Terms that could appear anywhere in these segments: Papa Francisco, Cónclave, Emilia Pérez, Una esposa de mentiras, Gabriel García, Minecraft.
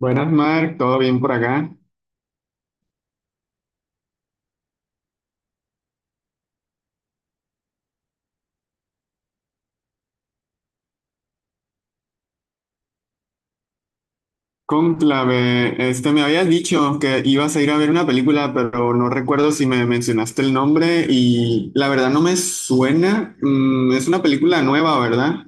Buenas, Mark, ¿todo bien por acá? Cónclave, me habías dicho que ibas a ir a ver una película, pero no recuerdo si me mencionaste el nombre y la verdad no me suena. Es una película nueva, ¿verdad?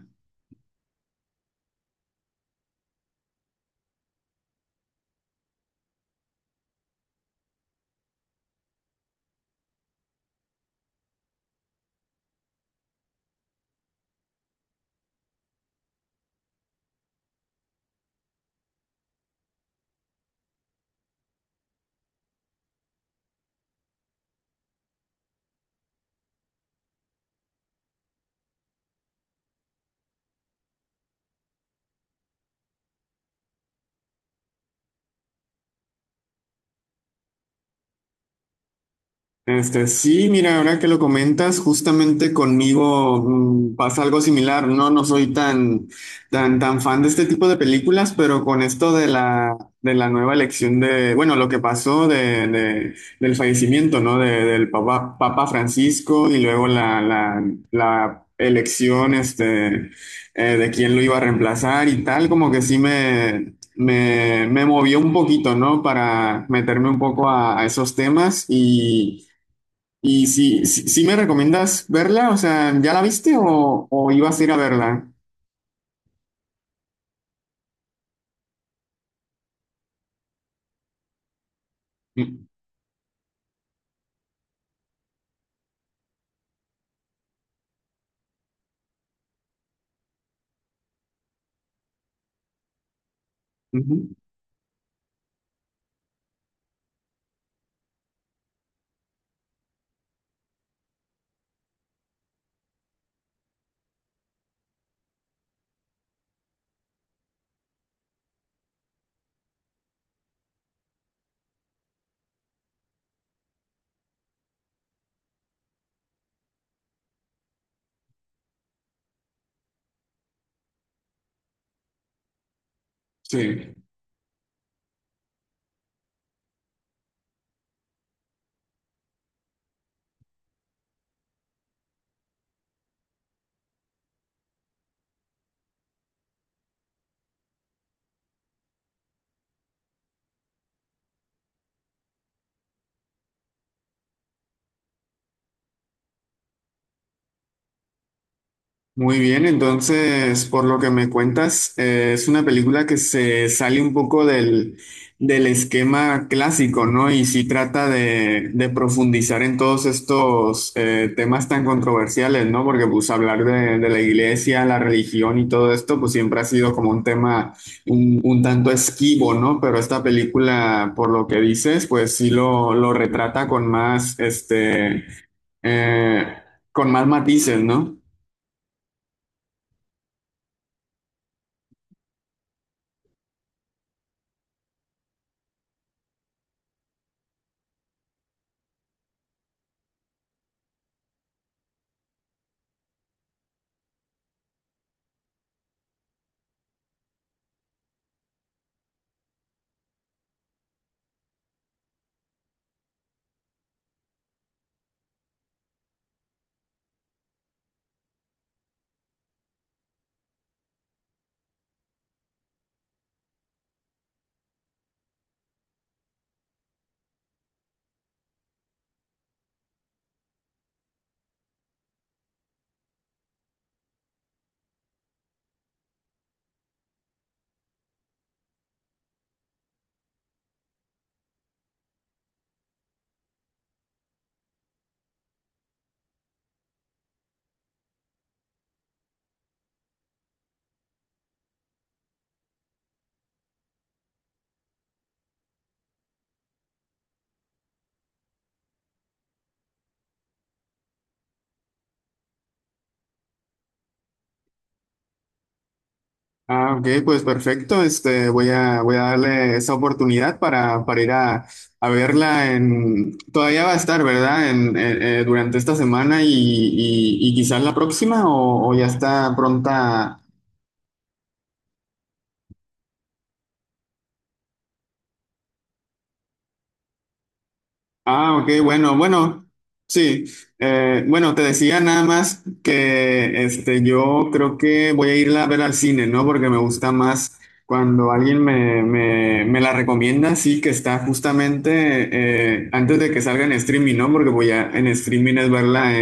Sí, mira, ahora que lo comentas, justamente conmigo pasa algo similar. No, no soy tan fan de este tipo de películas, pero con esto de la nueva elección de, bueno, lo que pasó del fallecimiento, ¿no? Del Papa, Papa Francisco y luego la elección, de quién lo iba a reemplazar y tal, como que sí me movió un poquito, ¿no? Para meterme un poco a esos temas y si me recomiendas verla, o sea, ¿ya la viste o ibas a ir a verla? Mm, ujú. Sí. Muy bien, entonces, por lo que me cuentas, es una película que se sale un poco del esquema clásico, ¿no? Y sí trata de profundizar en todos estos temas tan controversiales, ¿no? Porque pues hablar de la iglesia, la religión y todo esto, pues siempre ha sido como un tema un tanto esquivo, ¿no? Pero esta película, por lo que dices, pues sí lo retrata con más, eh, con más matices, ¿no? Ah, ok, pues perfecto. Voy a darle esa oportunidad para ir a verla en, todavía va a estar, ¿verdad? Durante esta semana y quizás la próxima o ya está pronta. Ah, ok, bueno, bueno, sí. Bueno, te decía nada más que yo creo que voy a irla a ver al cine, ¿no? Porque me gusta más cuando alguien me la recomienda, sí, que está justamente antes de que salga en streaming, ¿no? Porque voy a en streaming es verla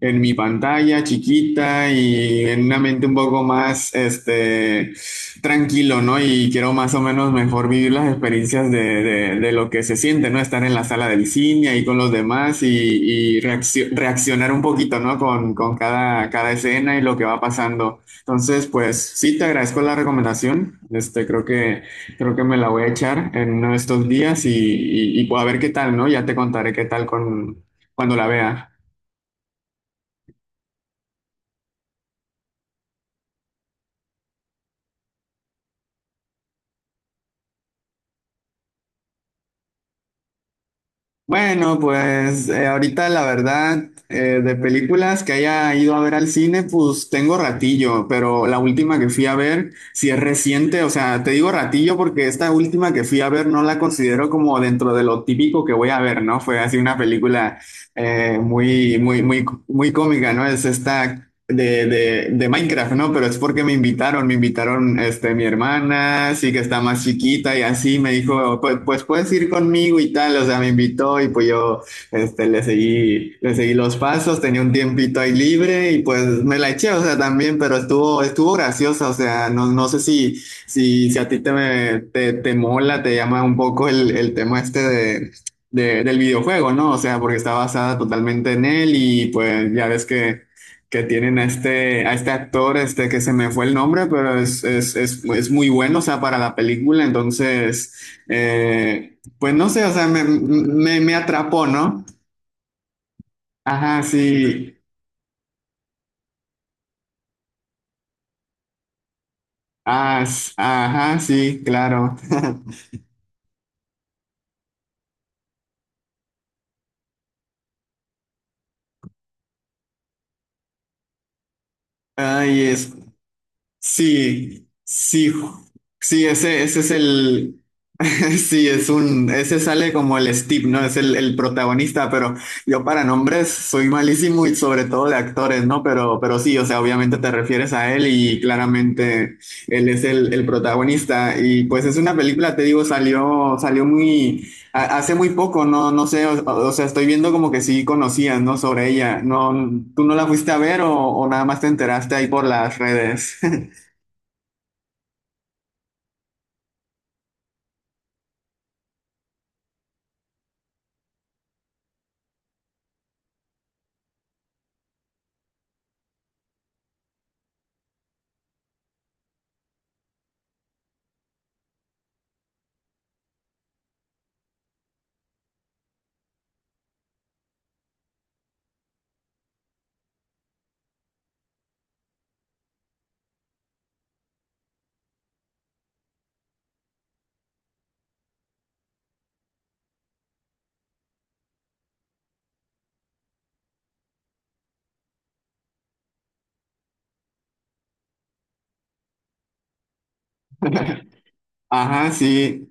en mi pantalla chiquita y en una mente un poco más tranquilo, ¿no? Y quiero más o menos mejor vivir las experiencias de, de lo que se siente, ¿no? Estar en la sala del cine ahí con los demás y reaccionar un poquito, ¿no? Con cada, cada escena y lo que va pasando. Entonces, pues sí, te agradezco la recomendación. Creo que me la voy a echar en uno de estos días y, pues, a ver qué tal, ¿no? Ya te contaré qué tal con, cuando la vea. Bueno, pues ahorita la verdad, de películas que haya ido a ver al cine, pues tengo ratillo, pero la última que fui a ver, si es reciente, o sea, te digo ratillo porque esta última que fui a ver no la considero como dentro de lo típico que voy a ver, ¿no? Fue así una película muy cómica, ¿no? Es esta de Minecraft, ¿no? Pero es porque me invitaron mi hermana, sí que está más chiquita y así me dijo, pues, pues puedes ir conmigo y tal, o sea, me invitó y pues yo le seguí los pasos, tenía un tiempito ahí libre y pues me la eché, o sea, también, pero estuvo, estuvo graciosa, o sea, no, no sé si a ti te mola, te llama un poco el tema este de... del videojuego, ¿no? O sea, porque está basada totalmente en él y pues ya ves que tienen a este actor, que se me fue el nombre, pero es muy bueno, o sea, para la película. Entonces, pues no sé, o sea, me atrapó, ¿no? Ajá, sí. Ah, s- ajá, sí, claro. Ay, es, sí, sí, sí, ese es el, sí, es un, ese sale como el Steve, ¿no? Es el protagonista, pero yo para nombres soy malísimo y sobre todo de actores, ¿no? Pero sí, o sea, obviamente te refieres a él y claramente él es el protagonista y pues es una película, te digo, salió, salió muy, hace muy poco, no, no sé, o sea, estoy viendo como que sí conocías, ¿no? Sobre ella, ¿no? ¿Tú no la fuiste a ver o nada más te enteraste ahí por las redes? Ajá, sí.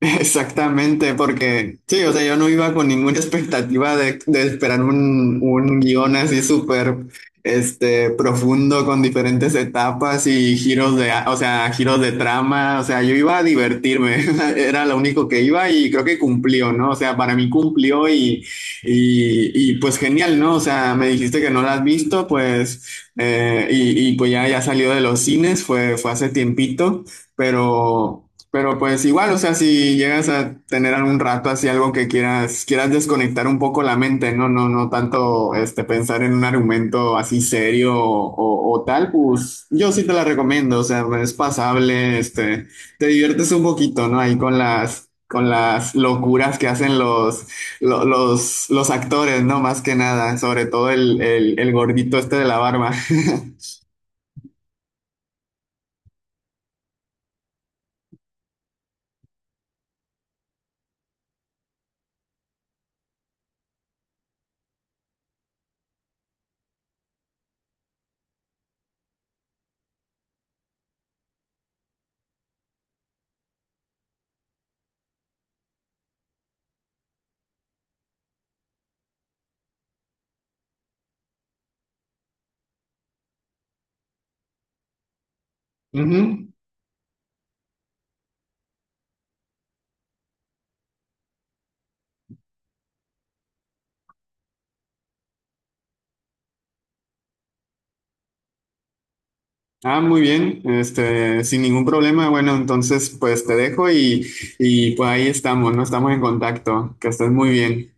Exactamente, porque sí, o sea, yo no iba con ninguna expectativa de esperar un guión así súper profundo con diferentes etapas y giros de, o sea, giros de trama, o sea, yo iba a divertirme, era lo único que iba y creo que cumplió, ¿no? O sea, para mí cumplió y, pues genial, ¿no? O sea, me dijiste que no la has visto, pues, y pues ya, ya salió de los cines, fue, fue hace tiempito, pero... Pero pues igual, o sea, si llegas a tener algún rato así algo que quieras, quieras desconectar un poco la mente, no, no, no tanto este pensar en un argumento así serio o, o tal, pues yo sí te la recomiendo, o sea, es pasable, te diviertes un poquito, ¿no? Ahí con las locuras que hacen los, los actores, ¿no? Más que nada, sobre todo el gordito este de la barba. Ujú. Ah, muy bien, sin ningún problema. Bueno, entonces pues te dejo y pues ahí estamos, ¿no? Estamos en contacto. Que estés muy bien.